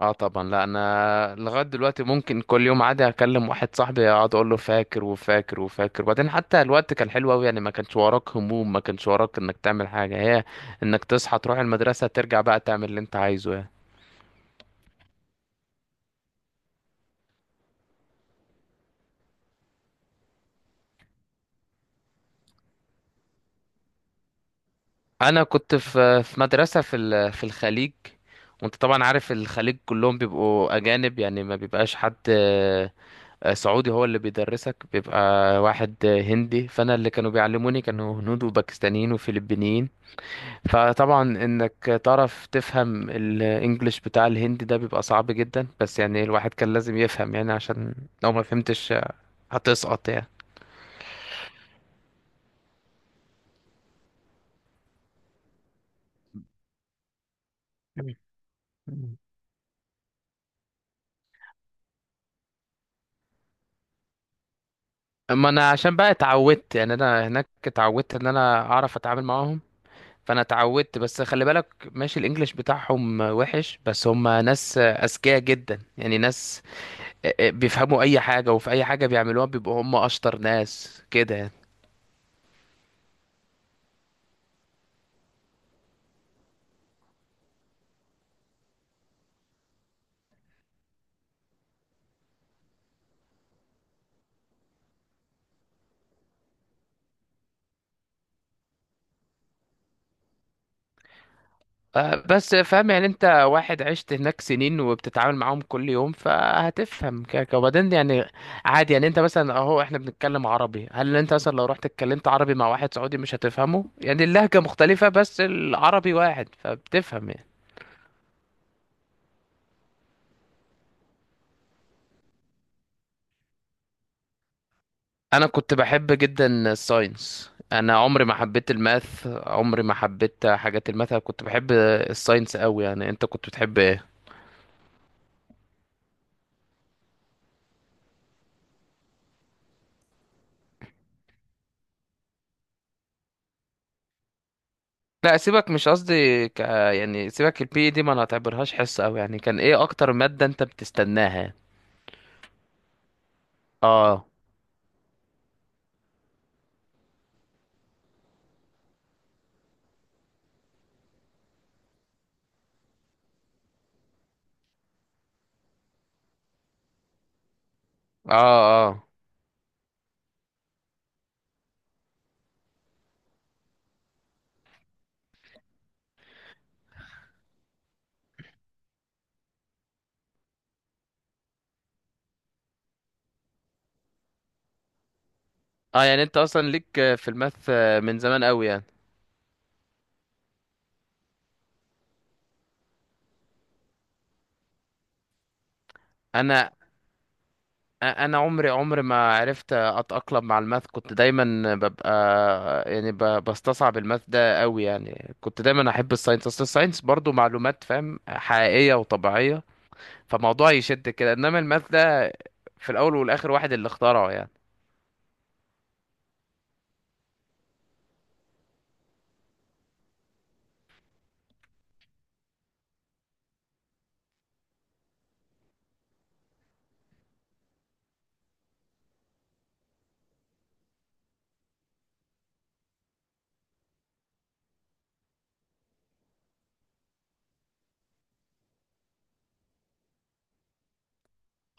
اه طبعا، لا انا لغايه دلوقتي ممكن كل يوم عادي اكلم واحد صاحبي اقعد اقول له فاكر وفاكر وفاكر. وبعدين حتى الوقت كان حلو قوي، يعني ما كانش وراك هموم، ما كانش وراك انك تعمل حاجه هي انك تصحى تروح المدرسه ترجع بقى تعمل اللي انت عايزه يعني. انا كنت في مدرسه في الخليج. وانت طبعا عارف الخليج كلهم بيبقوا اجانب، يعني ما بيبقاش حد سعودي هو اللي بيدرسك، بيبقى واحد هندي. فانا اللي كانوا بيعلموني كانوا هنود وباكستانيين وفلبينيين. فطبعا انك تعرف تفهم الانجليش بتاع الهندي ده بيبقى صعب جدا، بس يعني الواحد كان لازم يفهم يعني، عشان لو ما فهمتش هتسقط يعني. مم. اما انا عشان بقى اتعودت، يعني انا هناك اتعودت ان انا اعرف اتعامل معاهم، فانا اتعودت. بس خلي بالك ماشي، الانجليش بتاعهم وحش بس هم ناس اذكياء جدا، يعني ناس بيفهموا اي حاجة، وفي اي حاجة بيعملوها بيبقوا هم اشطر ناس كده يعني. بس فاهم؟ يعني انت واحد عشت هناك سنين وبتتعامل معاهم كل يوم، فهتفهم كده كده. وبعدين يعني عادي، يعني انت مثلا اهو احنا بنتكلم عربي، هل انت مثلا لو رحت اتكلمت عربي مع واحد سعودي مش هتفهمه؟ يعني اللهجة مختلفة بس العربي واحد، فبتفهم يعني. انا كنت بحب جدا الساينس، انا عمري ما حبيت الماث، عمري ما حبيت حاجات الماث. أنا كنت بحب الساينس قوي. يعني انت كنت بتحب ايه؟ لا سيبك، مش قصدي يعني سيبك البي دي، ما انا اعتبرهاش حصة. او يعني كان ايه اكتر مادة انت بتستناها؟ اه، اه، اه، اه. يعني انت اصلا ليك في الماث من زمان قوي يعني. انا انا عمري ما عرفت اتأقلم مع الماث، كنت دايما ببقى يعني بستصعب الماث ده قوي. يعني كنت دايما احب الساينس، اصل الساينس برضو معلومات، فاهم، حقيقية وطبيعية، فموضوع يشد كده. انما الماث ده في الاول والاخر واحد اللي اخترعه يعني.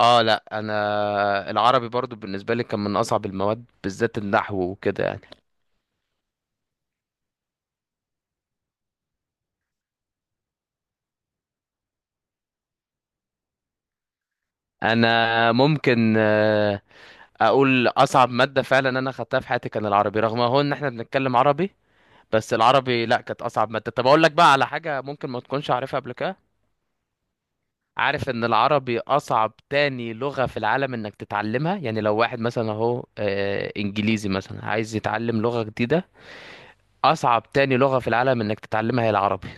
اه لا، انا العربي برضو بالنسبه لي كان من اصعب المواد، بالذات النحو وكده يعني. انا ممكن اقول اصعب ماده فعلا انا خدتها في حياتي كان العربي، رغم هو ان احنا بنتكلم عربي، بس العربي لا، كانت اصعب ماده. طب اقول لك بقى على حاجه ممكن ما تكونش عارفها قبل كده. عارف ان العربي اصعب تاني لغه في العالم انك تتعلمها؟ يعني لو واحد مثلا اهو انجليزي مثلا عايز يتعلم لغه جديده، اصعب تاني لغه في العالم انك تتعلمها هي العربي.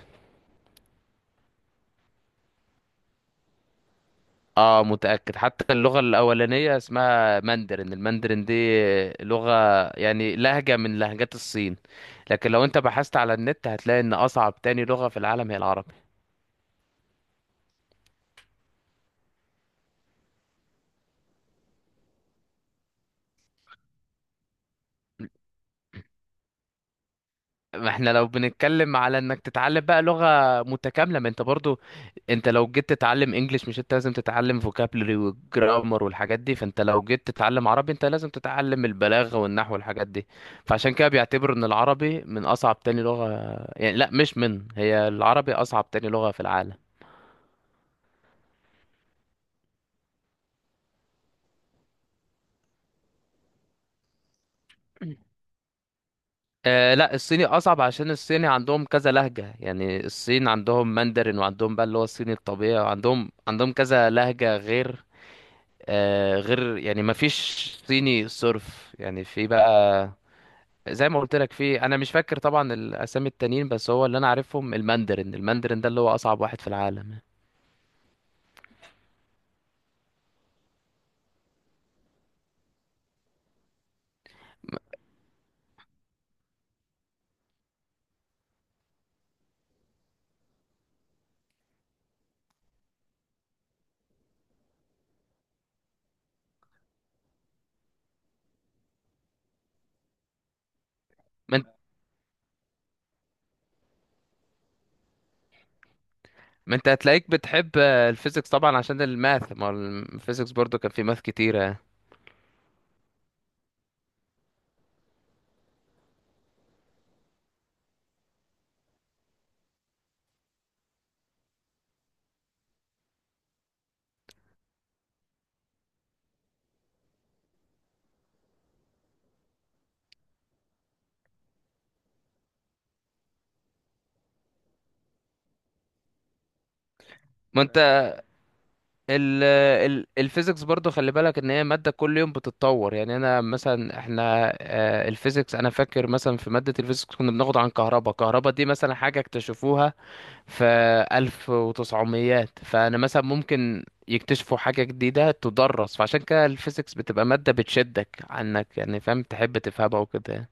اه متأكد. حتى اللغة الأولانية اسمها ماندرين، الماندرين دي لغة، يعني لهجة من لهجات الصين. لكن لو انت بحثت على النت هتلاقي ان اصعب تاني لغة في العالم هي العربي. ما احنا لو بنتكلم على انك تتعلم بقى لغة متكاملة، ما انت برضو انت لو جيت تتعلم انجليش مش انت لازم تتعلم فوكابلري والجرامر والحاجات دي؟ فانت لو جيت تتعلم عربي انت لازم تتعلم البلاغة والنحو والحاجات دي. فعشان كده بيعتبروا ان العربي من اصعب تاني لغة. يعني لا، مش من، هي العربي اصعب تاني لغة في العالم. آه لا، الصيني اصعب، عشان الصيني عندهم كذا لهجة. يعني الصين عندهم ماندرين، وعندهم بقى اللي هو الصيني الطبيعي، وعندهم كذا لهجة غير غير، يعني ما فيش صيني صرف، يعني في بقى زي ما قلت لك. في، انا مش فاكر طبعا الاسامي التانيين، بس هو اللي انا عارفهم الماندرين، الماندرين ده اللي هو اصعب واحد في العالم. ما انت ما انت هتلاقيك بتحب الفيزيكس طبعا عشان الماث، ما هو الفيزيكس برضو كان فيه ماث كتيرة يعني. ما انت ال الفيزيكس برضو خلي بالك ان هي مادة كل يوم بتتطور. يعني انا مثلا احنا الفيزيكس، انا فاكر مثلا في مادة الفيزيكس كنا بناخد عن كهرباء دي مثلا حاجة اكتشفوها في 1900، فأنا مثلا ممكن يكتشفوا حاجة جديدة تدرس. فعشان كده الفيزيكس بتبقى مادة بتشدك عنك يعني، فاهم، تحب تفهمها وكده يعني.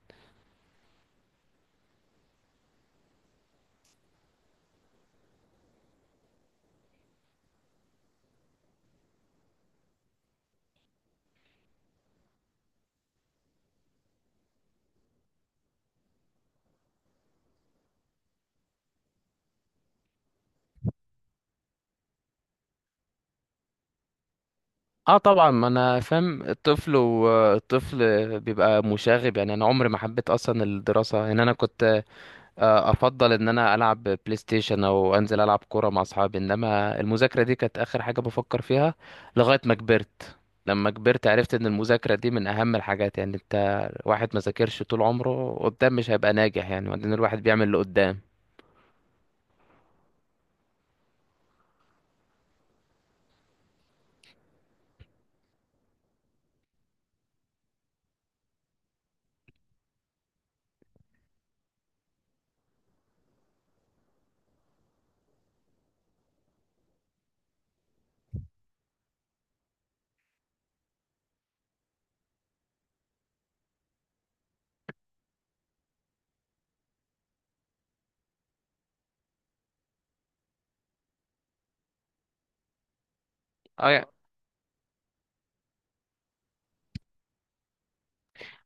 اه طبعا، ما انا فاهم. الطفل بيبقى مشاغب يعني. انا عمري ما حبيت اصلا الدراسة، يعني انا كنت افضل ان انا العب بلاي ستيشن او انزل العب كوره مع اصحابي، انما المذاكره دي كانت اخر حاجه بفكر فيها. لغايه ما كبرت، لما كبرت عرفت ان المذاكره دي من اهم الحاجات. يعني انت واحد ما ذاكرش طول عمره قدام مش هيبقى ناجح يعني. وبعدين الواحد بيعمل اللي قدام. اه،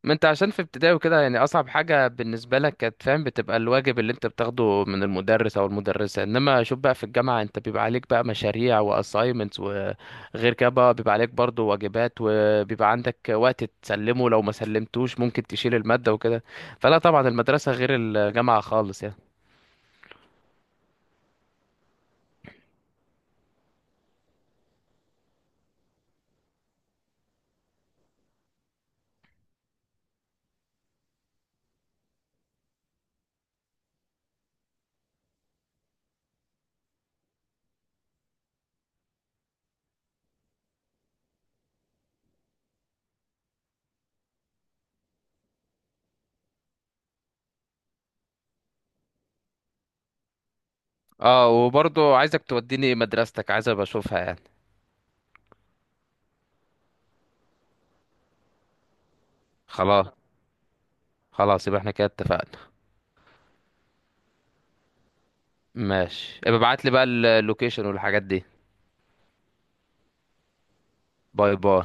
ما انت عشان في ابتدائي وكده يعني اصعب حاجه بالنسبه لك كانت، فاهم، بتبقى الواجب اللي انت بتاخده من المدرس او المدرسه. انما شوف بقى في الجامعه انت بيبقى عليك بقى مشاريع واساينمنتس، وغير كده بقى بيبقى عليك برضو واجبات، وبيبقى عندك وقت تسلمه، لو ما سلمتوش ممكن تشيل الماده وكده. فلا، طبعا المدرسه غير الجامعه خالص يعني. اه، وبرضو عايزك توديني مدرستك، عايز ابقى اشوفها يعني. خلاص، خلاص يبقى احنا كده اتفقنا. ماشي، ابقى ابعت لي بقى اللوكيشن والحاجات دي. باي باي.